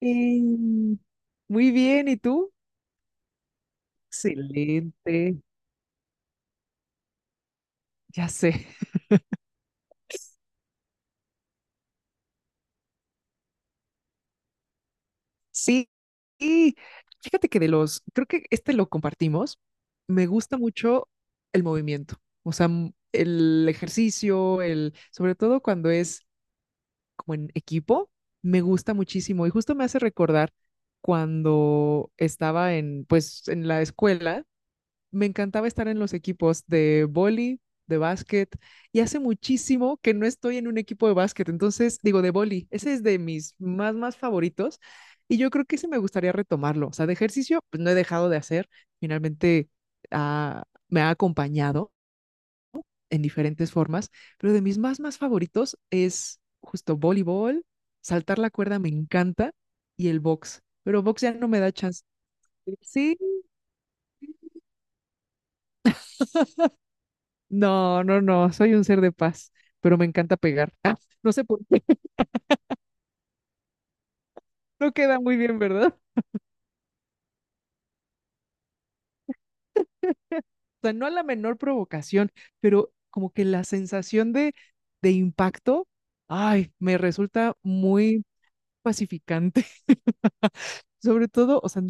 Bien. Muy bien, ¿y tú? Excelente, ya sé. Sí, y fíjate que de los, creo que este lo compartimos, me gusta mucho el movimiento, o sea, el ejercicio, sobre todo cuando es como en equipo, me gusta muchísimo y justo me hace recordar cuando estaba pues, en la escuela me encantaba estar en los equipos de vóley, de básquet, y hace muchísimo que no estoy en un equipo de básquet, entonces digo de vóley, ese es de mis más favoritos, y yo creo que ese me gustaría retomarlo. O sea, de ejercicio, pues no he dejado de hacer, finalmente me ha acompañado en diferentes formas, pero de mis más favoritos es justo voleibol, saltar la cuerda me encanta, y el box, pero box ya no me da chance. Sí, no, no, no, soy un ser de paz, pero me encanta pegar. Ah, no sé por qué, no queda muy bien, ¿verdad? O sea, no a la menor provocación, pero como que la sensación de impacto, ay, me resulta muy pacificante. Sobre todo, o sea,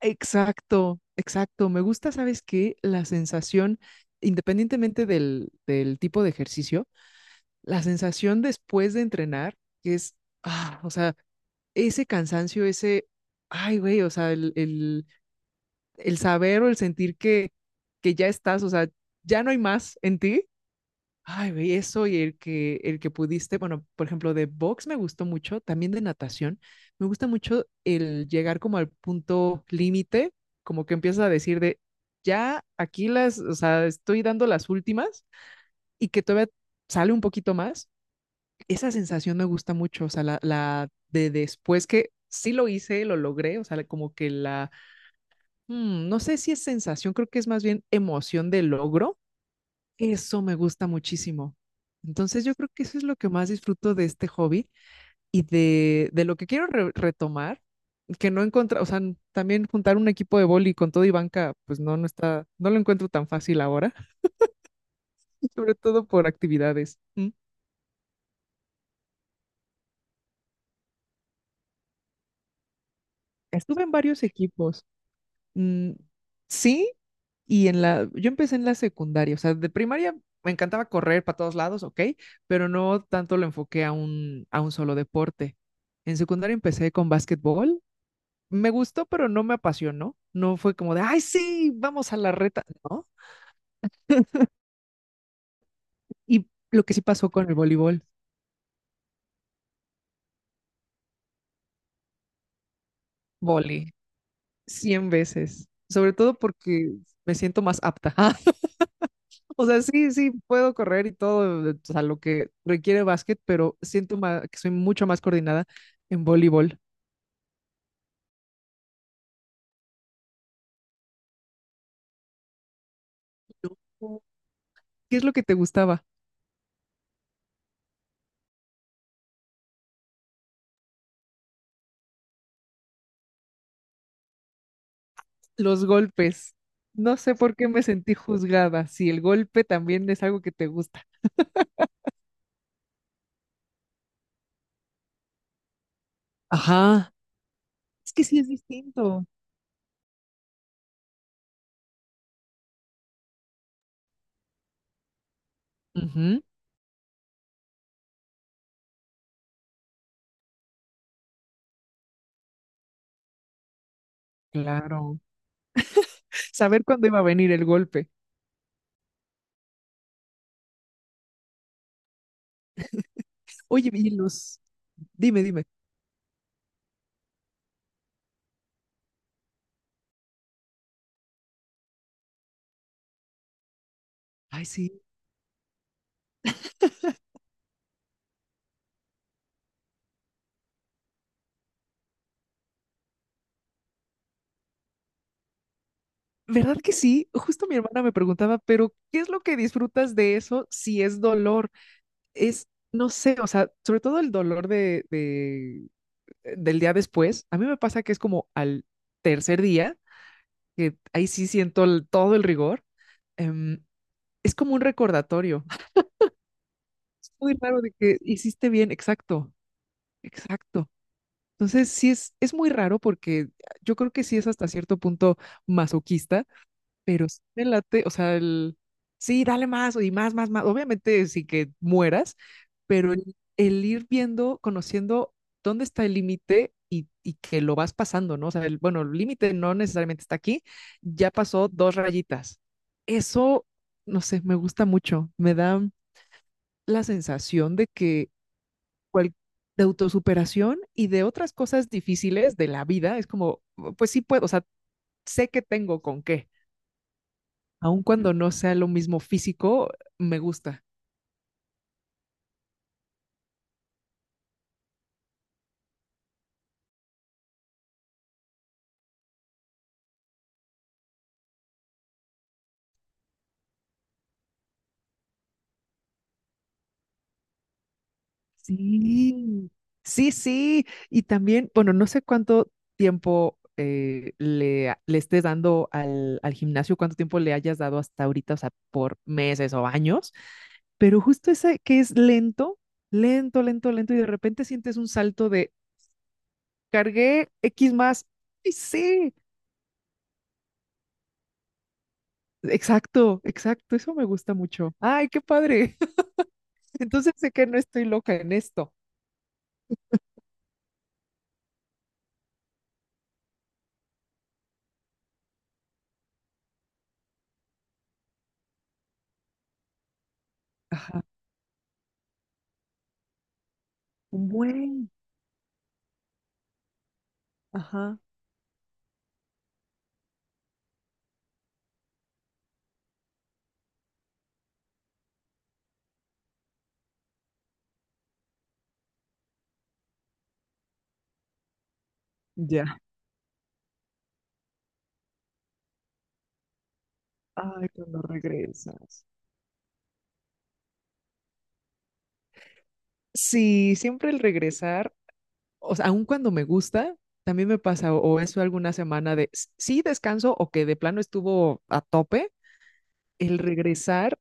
exacto, exacto. Me gusta, ¿sabes qué? La sensación, independientemente del tipo de ejercicio, la sensación después de entrenar, que es, o sea, ese cansancio, ay, güey, o sea, el saber o el sentir que ya estás, o sea, ya no hay más en ti. Ay, güey, eso y el que pudiste, bueno, por ejemplo, de box me gustó mucho, también de natación, me gusta mucho el llegar como al punto límite, como que empiezas a decir de, ya aquí las, o sea, estoy dando las últimas y que todavía sale un poquito más esa sensación me gusta mucho, o sea, la de después que sí lo hice, lo logré, o sea, como que no sé si es sensación, creo que es más bien emoción de logro, eso me gusta muchísimo. Entonces yo creo que eso es lo que más disfruto de este hobby y de lo que quiero retomar, que no encontrar, o sea, también juntar un equipo de boli con todo y banca, pues no, no está, no lo encuentro tan fácil ahora, sobre todo por actividades. Mm. Estuve en varios equipos. Mm, sí, y yo empecé en la secundaria, o sea, de primaria me encantaba correr para todos lados, ok, pero no tanto lo enfoqué a un solo deporte. En secundaria empecé con básquetbol, me gustó, pero no me apasionó, no fue como de, ay, sí, vamos a la reta, ¿no? Y lo que sí pasó con el voleibol, vóley, 100 veces, sobre todo porque me siento más apta. O sea, sí, sí, puedo correr y todo, o sea, lo que requiere básquet, pero siento que soy mucho más coordinada en voleibol. No. ¿Qué es lo que te gustaba? Los golpes. No sé por qué me sentí juzgada, si el golpe también es algo que te gusta. Ajá. Es que sí es distinto. Ujú, claro. Saber cuándo iba a venir el golpe. Oye, dime, dime. Ay, sí. ¿Verdad que sí? Justo mi hermana me preguntaba, pero ¿qué es lo que disfrutas de eso si es dolor? No sé, o sea, sobre todo el dolor del día después, a mí me pasa que es como al tercer día, que ahí sí siento todo el rigor, em, es como un recordatorio. Es muy raro de que hiciste bien, exacto, exacto. Entonces, sí es muy raro porque yo creo que sí es hasta cierto punto masoquista, pero sí me late, o sea, sí, dale más y más, más, más, obviamente sí que mueras, pero el ir viendo, conociendo dónde está el límite y que lo vas pasando, ¿no? O sea, bueno, el límite no necesariamente está aquí, ya pasó dos rayitas. Eso, no sé, me gusta mucho, me da la sensación de que cual- de autosuperación y de otras cosas difíciles de la vida, es como, "Oh, pues sí puedo, o sea, sé que tengo con qué, aun cuando no sea lo mismo físico, me gusta. Sí, sí, sí. Y también, bueno, no sé cuánto tiempo le estés dando al gimnasio, cuánto tiempo le hayas dado hasta ahorita, o sea, por meses o años, pero justo ese que es lento, lento, lento, lento, y de repente sientes un salto de cargué X más. Y sí, exacto, exacto, eso me gusta mucho. Ay, qué padre. Entonces sé que no estoy loca en esto. Ajá. Mm, ajá. Ya. Ay, cuando regresas. Sí, siempre el regresar, o sea, aun cuando me gusta, también me pasa, o, eso alguna semana de sí descanso o que de plano estuvo a tope, el regresar,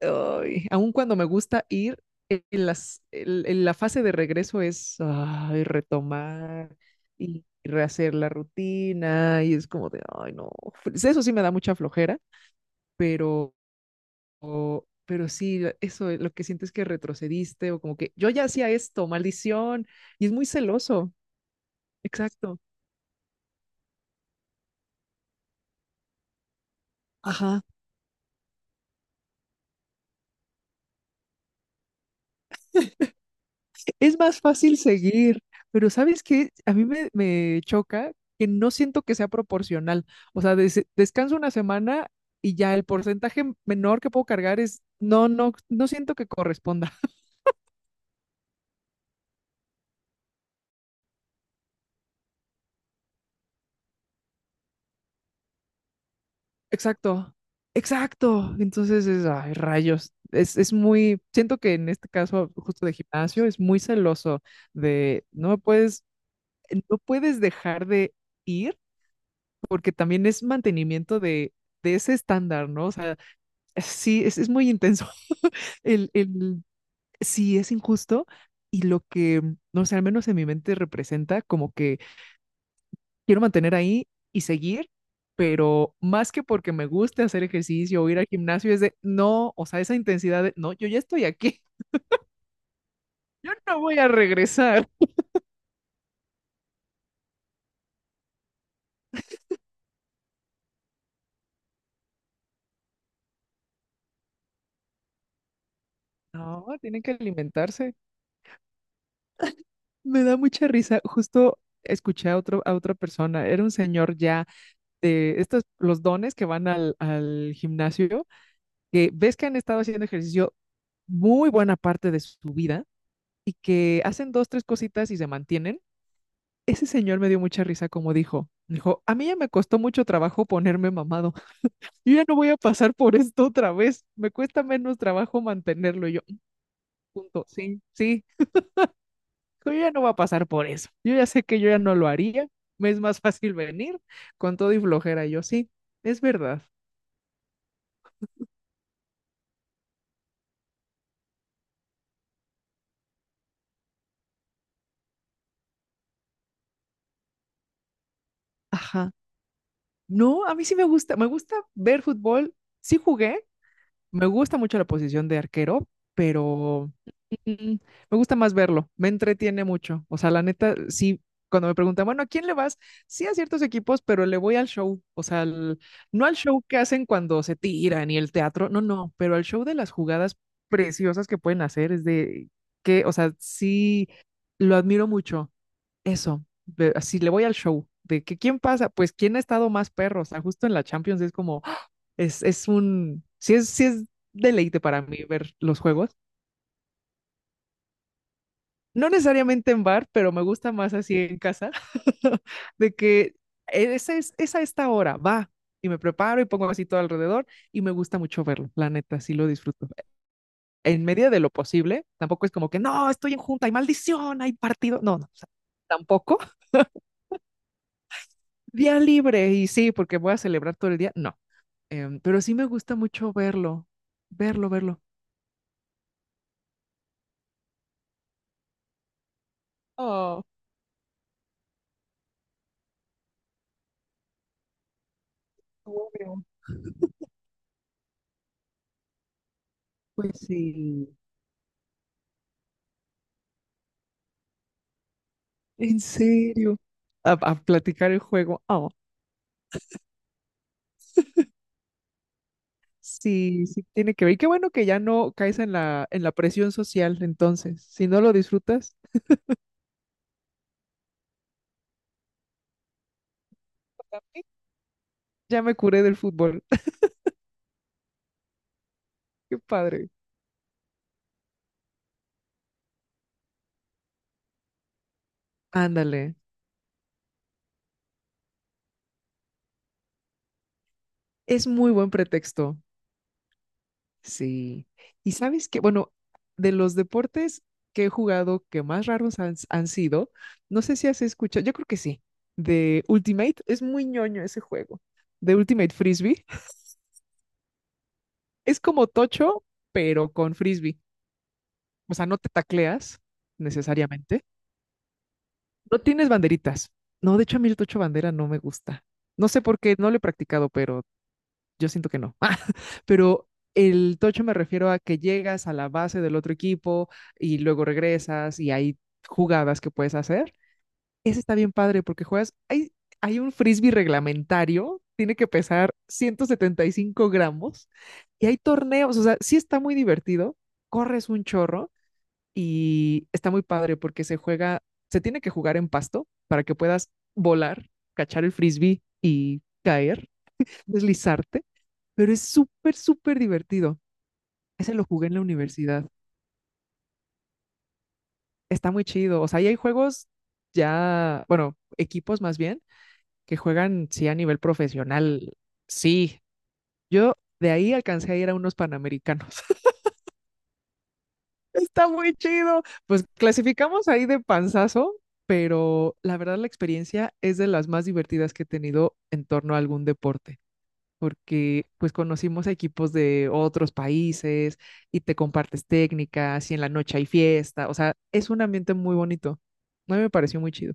ay, aun cuando me gusta ir, en la fase de regreso es ay, retomar y rehacer la rutina, y es como de, ay, no, pues eso sí me da mucha flojera, pero pero sí, eso, lo que sientes que retrocediste o como que yo ya hacía esto, maldición, y es muy celoso, exacto. Ajá, es más fácil seguir, pero ¿sabes qué? A mí me choca que no siento que sea proporcional. O sea, descanso una semana y ya el porcentaje menor que puedo cargar no, no, no siento que corresponda. Exacto, exacto. Entonces ay, rayos. Es siento que en este caso, justo de gimnasio, es muy celoso de no puedes dejar de ir, porque también es mantenimiento de ese estándar, ¿no? O sea, sí, es muy intenso. El, el, sí, es injusto. Y no sé, al menos en mi mente representa como que quiero mantener ahí y seguir, pero más que porque me guste hacer ejercicio o ir al gimnasio, es de no, o sea, esa intensidad de no, yo ya estoy aquí, no voy a regresar. No, tienen que alimentarse. Me da mucha risa. Justo escuché a otra persona, era un señor ya de estos, los dones que van al gimnasio, que ves que han estado haciendo ejercicio muy buena parte de su vida y que hacen dos, tres cositas y se mantienen. Ese señor me dio mucha risa como dijo. Dijo, a mí ya me costó mucho trabajo ponerme mamado. Yo ya no voy a pasar por esto otra vez. Me cuesta menos trabajo mantenerlo. Y yo, punto, sí, sí. Yo ya no voy a pasar por eso. Yo ya sé que yo ya no lo haría. Me es más fácil venir con todo y flojera. Y yo sí, es verdad. Ajá. No, a mí sí me gusta. Me gusta ver fútbol. Sí jugué. Me gusta mucho la posición de arquero, pero Mm, me gusta más verlo, me entretiene mucho. O sea, la neta, sí, cuando me preguntan, bueno, ¿a quién le vas? Sí, a ciertos equipos, pero le voy al show. O sea, no al show que hacen cuando se tiran y el teatro, no, no, pero al show de las jugadas preciosas que pueden hacer. Es de que, o sea, sí, lo admiro mucho. Eso, así le voy al show. De que quién pasa, pues quién ha estado más perro. O sea, justo en la Champions es como, ¡ah! Es un, sí es deleite para mí ver los juegos. No necesariamente en bar, pero me gusta más así en casa, de que esa es a esta hora, va, y me preparo y pongo así todo alrededor y me gusta mucho verlo, la neta, sí lo disfruto. En medida de lo posible, tampoco es como que, no, estoy en junta, hay maldición, hay partido, no, no, o sea, tampoco. Día libre y sí, porque voy a celebrar todo el día, no, pero sí me gusta mucho verlo, verlo, verlo. Oh, obvio. Pues sí, en serio. A platicar el juego. Oh, sí, sí, tiene que ver. Y qué bueno que ya no caes en la, presión social, entonces. Si no lo disfrutas, para mí, ya me curé del fútbol. Qué padre. Ándale. Es muy buen pretexto. Sí. Y sabes que, bueno, de los deportes que he jugado que más raros han sido, no sé si has escuchado, yo creo que sí, de Ultimate. Es muy ñoño ese juego. De Ultimate Frisbee. Es como tocho, pero con frisbee. O sea, no te tacleas necesariamente. No tienes banderitas. No, de hecho a mí el tocho bandera no me gusta. No sé por qué, no lo he practicado, pero yo siento que no. Ah, pero el tocho me refiero a que llegas a la base del otro equipo y luego regresas y hay jugadas que puedes hacer. Ese está bien padre porque juegas, hay un frisbee reglamentario, tiene que pesar 175 g y hay torneos, o sea, sí está muy divertido, corres un chorro y está muy padre porque se tiene que jugar en pasto para que puedas volar, cachar el frisbee y caer, deslizarte, pero es súper, súper divertido. Ese lo jugué en la universidad. Está muy chido. O sea, ahí hay juegos ya, bueno, equipos más bien, que juegan, sí, a nivel profesional. Sí, yo de ahí alcancé a ir a unos panamericanos. Está muy chido. Pues clasificamos ahí de panzazo, pero la verdad la experiencia es de las más divertidas que he tenido en torno a algún deporte, porque pues conocimos a equipos de otros países y te compartes técnicas y en la noche hay fiesta, o sea, es un ambiente muy bonito. A mí me pareció muy chido.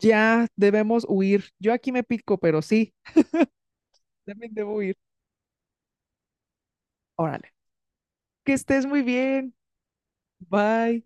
Ya debemos huir. Yo aquí me pico, pero sí, también debo huir. Órale. Que estés muy bien. Bye.